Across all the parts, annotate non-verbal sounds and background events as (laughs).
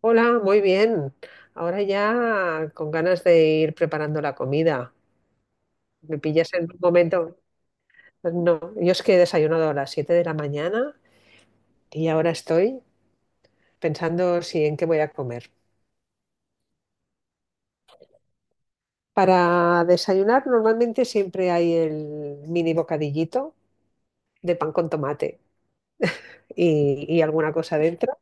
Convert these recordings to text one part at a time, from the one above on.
Hola, muy bien. Ahora ya con ganas de ir preparando la comida. Me pillas en un momento. No, yo es que he desayunado a las 7 de la mañana y ahora estoy pensando si en qué voy a comer. Para desayunar normalmente siempre hay el mini bocadillito de pan con tomate y alguna cosa dentro.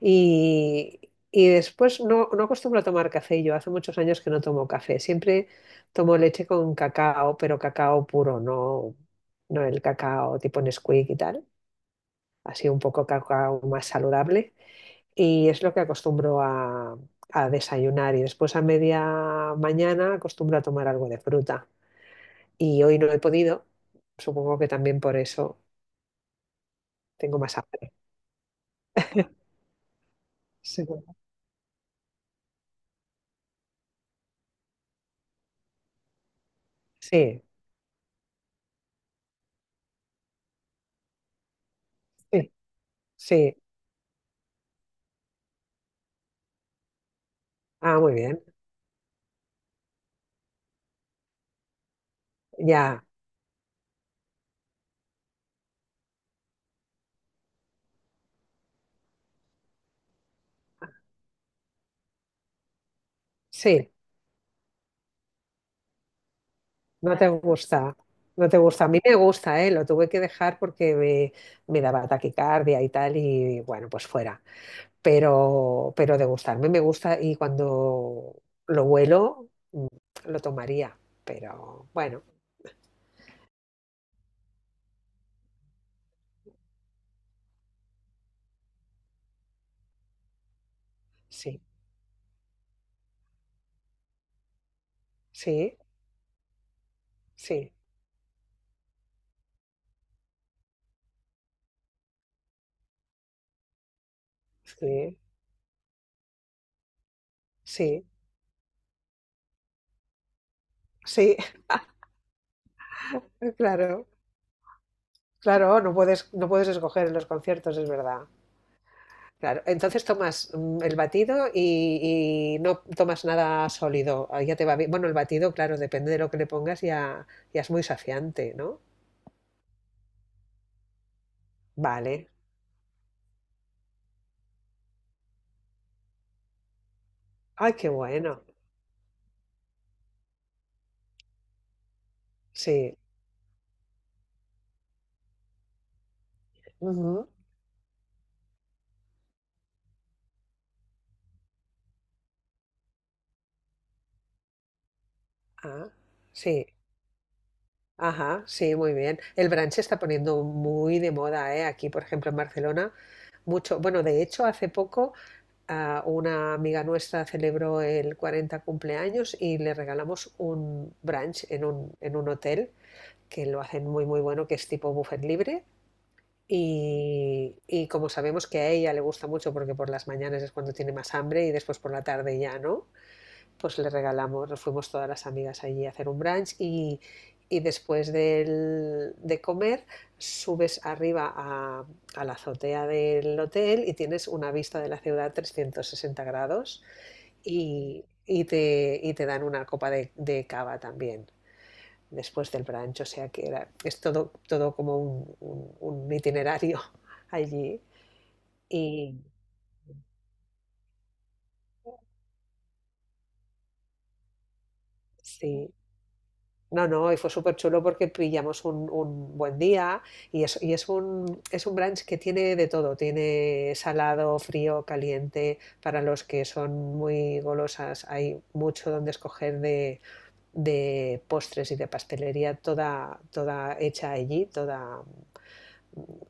Y, y después no acostumbro a tomar café yo, hace muchos años que no tomo café, siempre tomo leche con cacao, pero cacao puro, no el cacao tipo Nesquik y tal, así un poco cacao más saludable y es lo que acostumbro a desayunar y después a media mañana acostumbro a tomar algo de fruta y hoy no he podido, supongo que también por eso tengo más hambre. Seguro. Sí, sí, sí. Ah, muy bien, ya, sí. No te gusta, no te gusta. A mí me gusta, ¿eh? Lo tuve que dejar porque me daba taquicardia y tal, y bueno, pues fuera. Pero de gustarme me gusta y cuando lo huelo, lo tomaría. Pero bueno, sí, sí, sí, sí, sí, sí, (laughs) claro, claro, no puedes escoger en los conciertos, es verdad. Claro, entonces tomas el batido y no tomas nada sólido. Ah, ya te va bien. Bueno, el batido, claro, depende de lo que le pongas, ya, ya es muy saciante, ¿no? Vale. Ay, qué bueno. Sí. Ujú. Ah, sí. Ajá, sí, muy bien. El brunch se está poniendo muy de moda, ¿eh? Aquí, por ejemplo, en Barcelona, mucho. Bueno, de hecho, hace poco una amiga nuestra celebró el 40 cumpleaños y le regalamos un brunch en un hotel que lo hacen muy, muy bueno, que es tipo buffet libre. Y como sabemos que a ella le gusta mucho porque por las mañanas es cuando tiene más hambre y después por la tarde ya no, pues le regalamos, nos fuimos todas las amigas allí a hacer un brunch y después del- de comer subes arriba a la azotea del hotel y tienes una vista de la ciudad 360 grados y te dan una copa de cava también después del brunch, o sea que era, es todo, todo como un itinerario (laughs) allí. Y sí, no, no, y fue súper chulo porque pillamos un buen día y es un brunch que tiene de todo, tiene salado, frío, caliente, para los que son muy golosas, hay mucho donde escoger de postres y de pastelería, toda, toda hecha allí, toda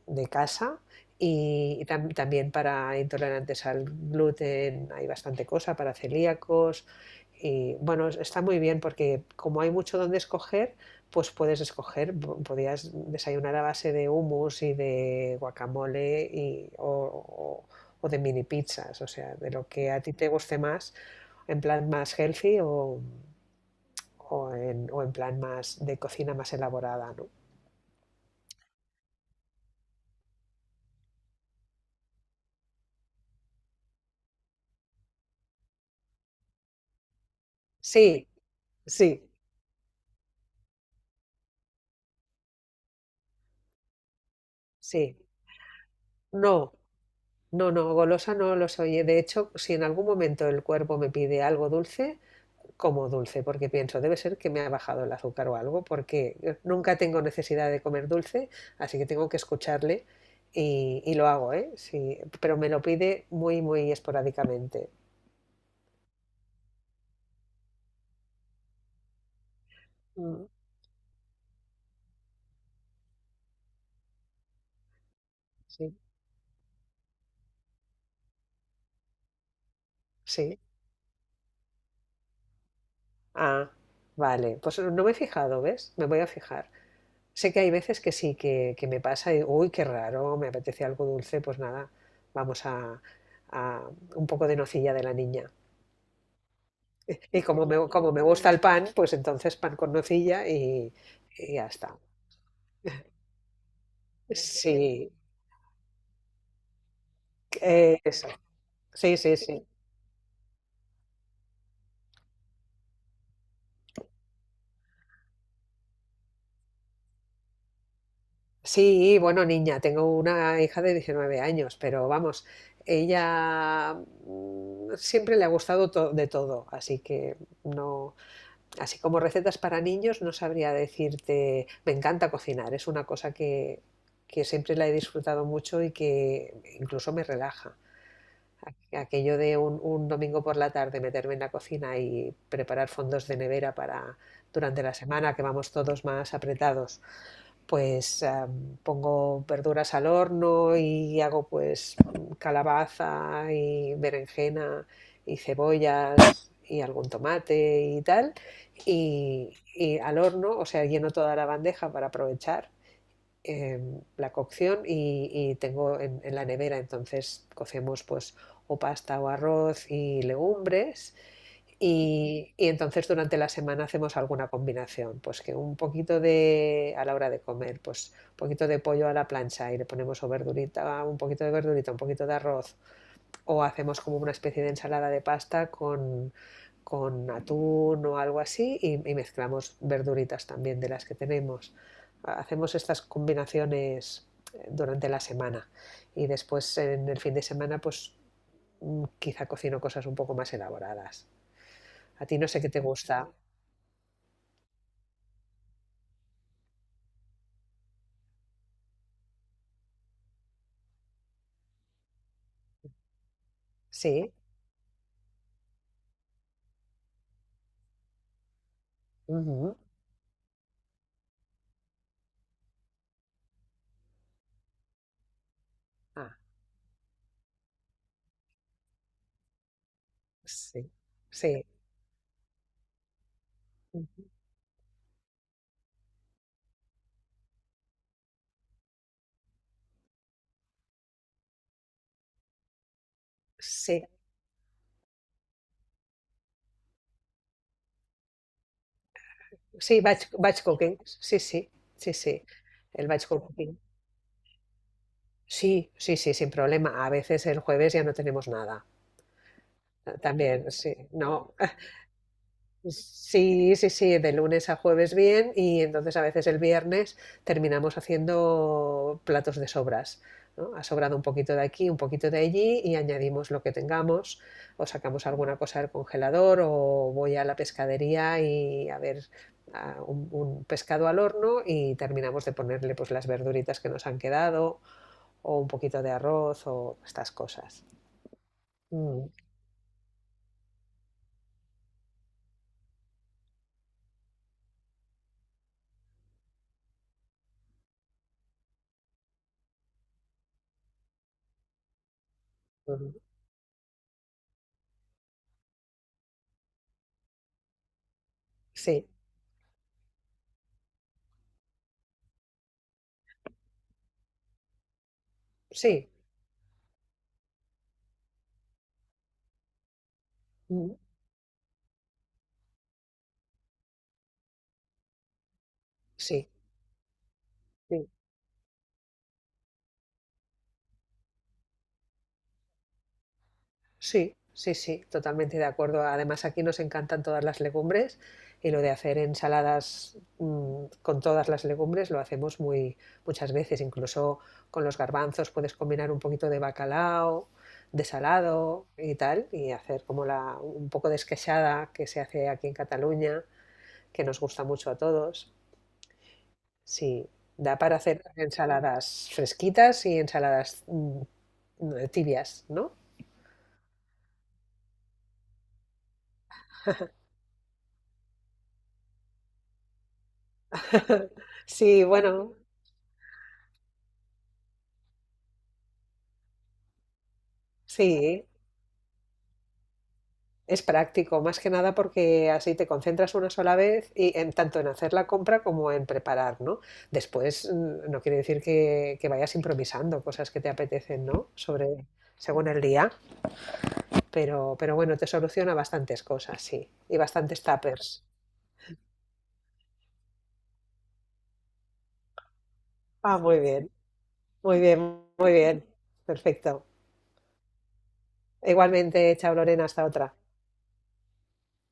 de casa y también para intolerantes al gluten hay bastante cosa, para celíacos. Y bueno, está muy bien porque como hay mucho donde escoger, pues puedes escoger, po- podías desayunar a base de hummus y de guacamole y, o- o de mini pizzas, o sea, de lo que a ti te guste más, en plan más healthy o en plan más de cocina más elaborada, ¿no? Sí, sí, sí. No, no, no, golosa no lo soy. De hecho, si en algún momento el cuerpo me pide algo dulce, como dulce, porque pienso, debe ser que me ha bajado el azúcar o algo, porque nunca tengo necesidad de comer dulce, así que tengo que escucharle y lo hago, ¿eh? Sí, pero me lo pide muy, muy esporádicamente. Mm, sí, sí. Ah, vale. Pues no me he fijado, ¿ves? Me voy a fijar. Sé que hay veces que sí, que me pasa y digo, uy, qué raro, me apetece algo dulce, pues nada, vamos a un poco de nocilla de la niña. Y como me gusta el pan, pues entonces pan con nocilla y ya está. Sí, eso. Sí, sí, sí. Sí, bueno, niña, tengo una hija de 19 años, pero vamos, ella siempre le ha gustado to- de todo, así que no, así como recetas para niños, no sabría decirte, me encanta cocinar, es una cosa que siempre la he disfrutado mucho y que incluso me relaja. Aquello de un domingo por la tarde meterme en la cocina y preparar fondos de nevera para durante la semana que vamos todos más apretados pues pongo verduras al horno y hago pues calabaza y berenjena y cebollas y algún tomate y tal. Y al horno, o sea, lleno toda la bandeja para aprovechar la cocción y tengo en, la nevera, entonces cocemos pues o pasta o arroz y legumbres y entonces durante la semana hacemos alguna combinación, pues que un poquito de, a la hora de comer, pues un poquito de pollo a la plancha y le ponemos o verdurita, un poquito de verdurita, un poquito de arroz, o hacemos como una especie de ensalada de pasta con atún o algo así y mezclamos verduritas también de las que tenemos. Hacemos estas combinaciones durante la semana y después en el fin de semana pues quizá cocino cosas un poco más elaboradas. A ti no sé qué te gusta. Sí. Ujú. Ah, sí. Sí. Ujú. Sí. Sí, batch cooking. Sí, sí. Sí, sí. El batch cooking. Sí, sí, sí, sin problema. A veces el jueves ya no tenemos nada. También, sí. No, sí, sí, sí, de lunes a jueves bien y entonces a veces el viernes terminamos haciendo platos de sobras, ¿no? Ha sobrado un poquito de aquí, un poquito de allí y añadimos lo que tengamos o sacamos alguna cosa del congelador o voy a la pescadería y a ver a un pescado al horno y terminamos de ponerle pues las verduritas que nos han quedado o un poquito de arroz o estas cosas. Mm, mm, sí, sí, mm, sí, sí. Sí, sí, sí, totalmente de acuerdo. Además, aquí nos encantan todas las legumbres y lo de hacer ensaladas con todas las legumbres lo hacemos muy muchas veces. Incluso con los garbanzos puedes combinar un poquito de bacalao, de salado y tal, y hacer como la, un poco de esqueixada que se hace aquí en Cataluña, que nos gusta mucho a todos. Sí, da para hacer ensaladas fresquitas y ensaladas tibias, ¿no? (laughs) Sí, bueno, sí, es práctico, más que nada porque así te concentras una sola vez y en tanto en hacer la compra como en preparar, ¿no? Después no quiere decir que vayas improvisando cosas que te apetecen, ¿no? Sobre según el día, pero bueno, te soluciona bastantes cosas, sí, y bastantes tuppers. Ah, muy bien, muy bien, muy bien. Perfecto. Igualmente, chao Lorena, hasta otra.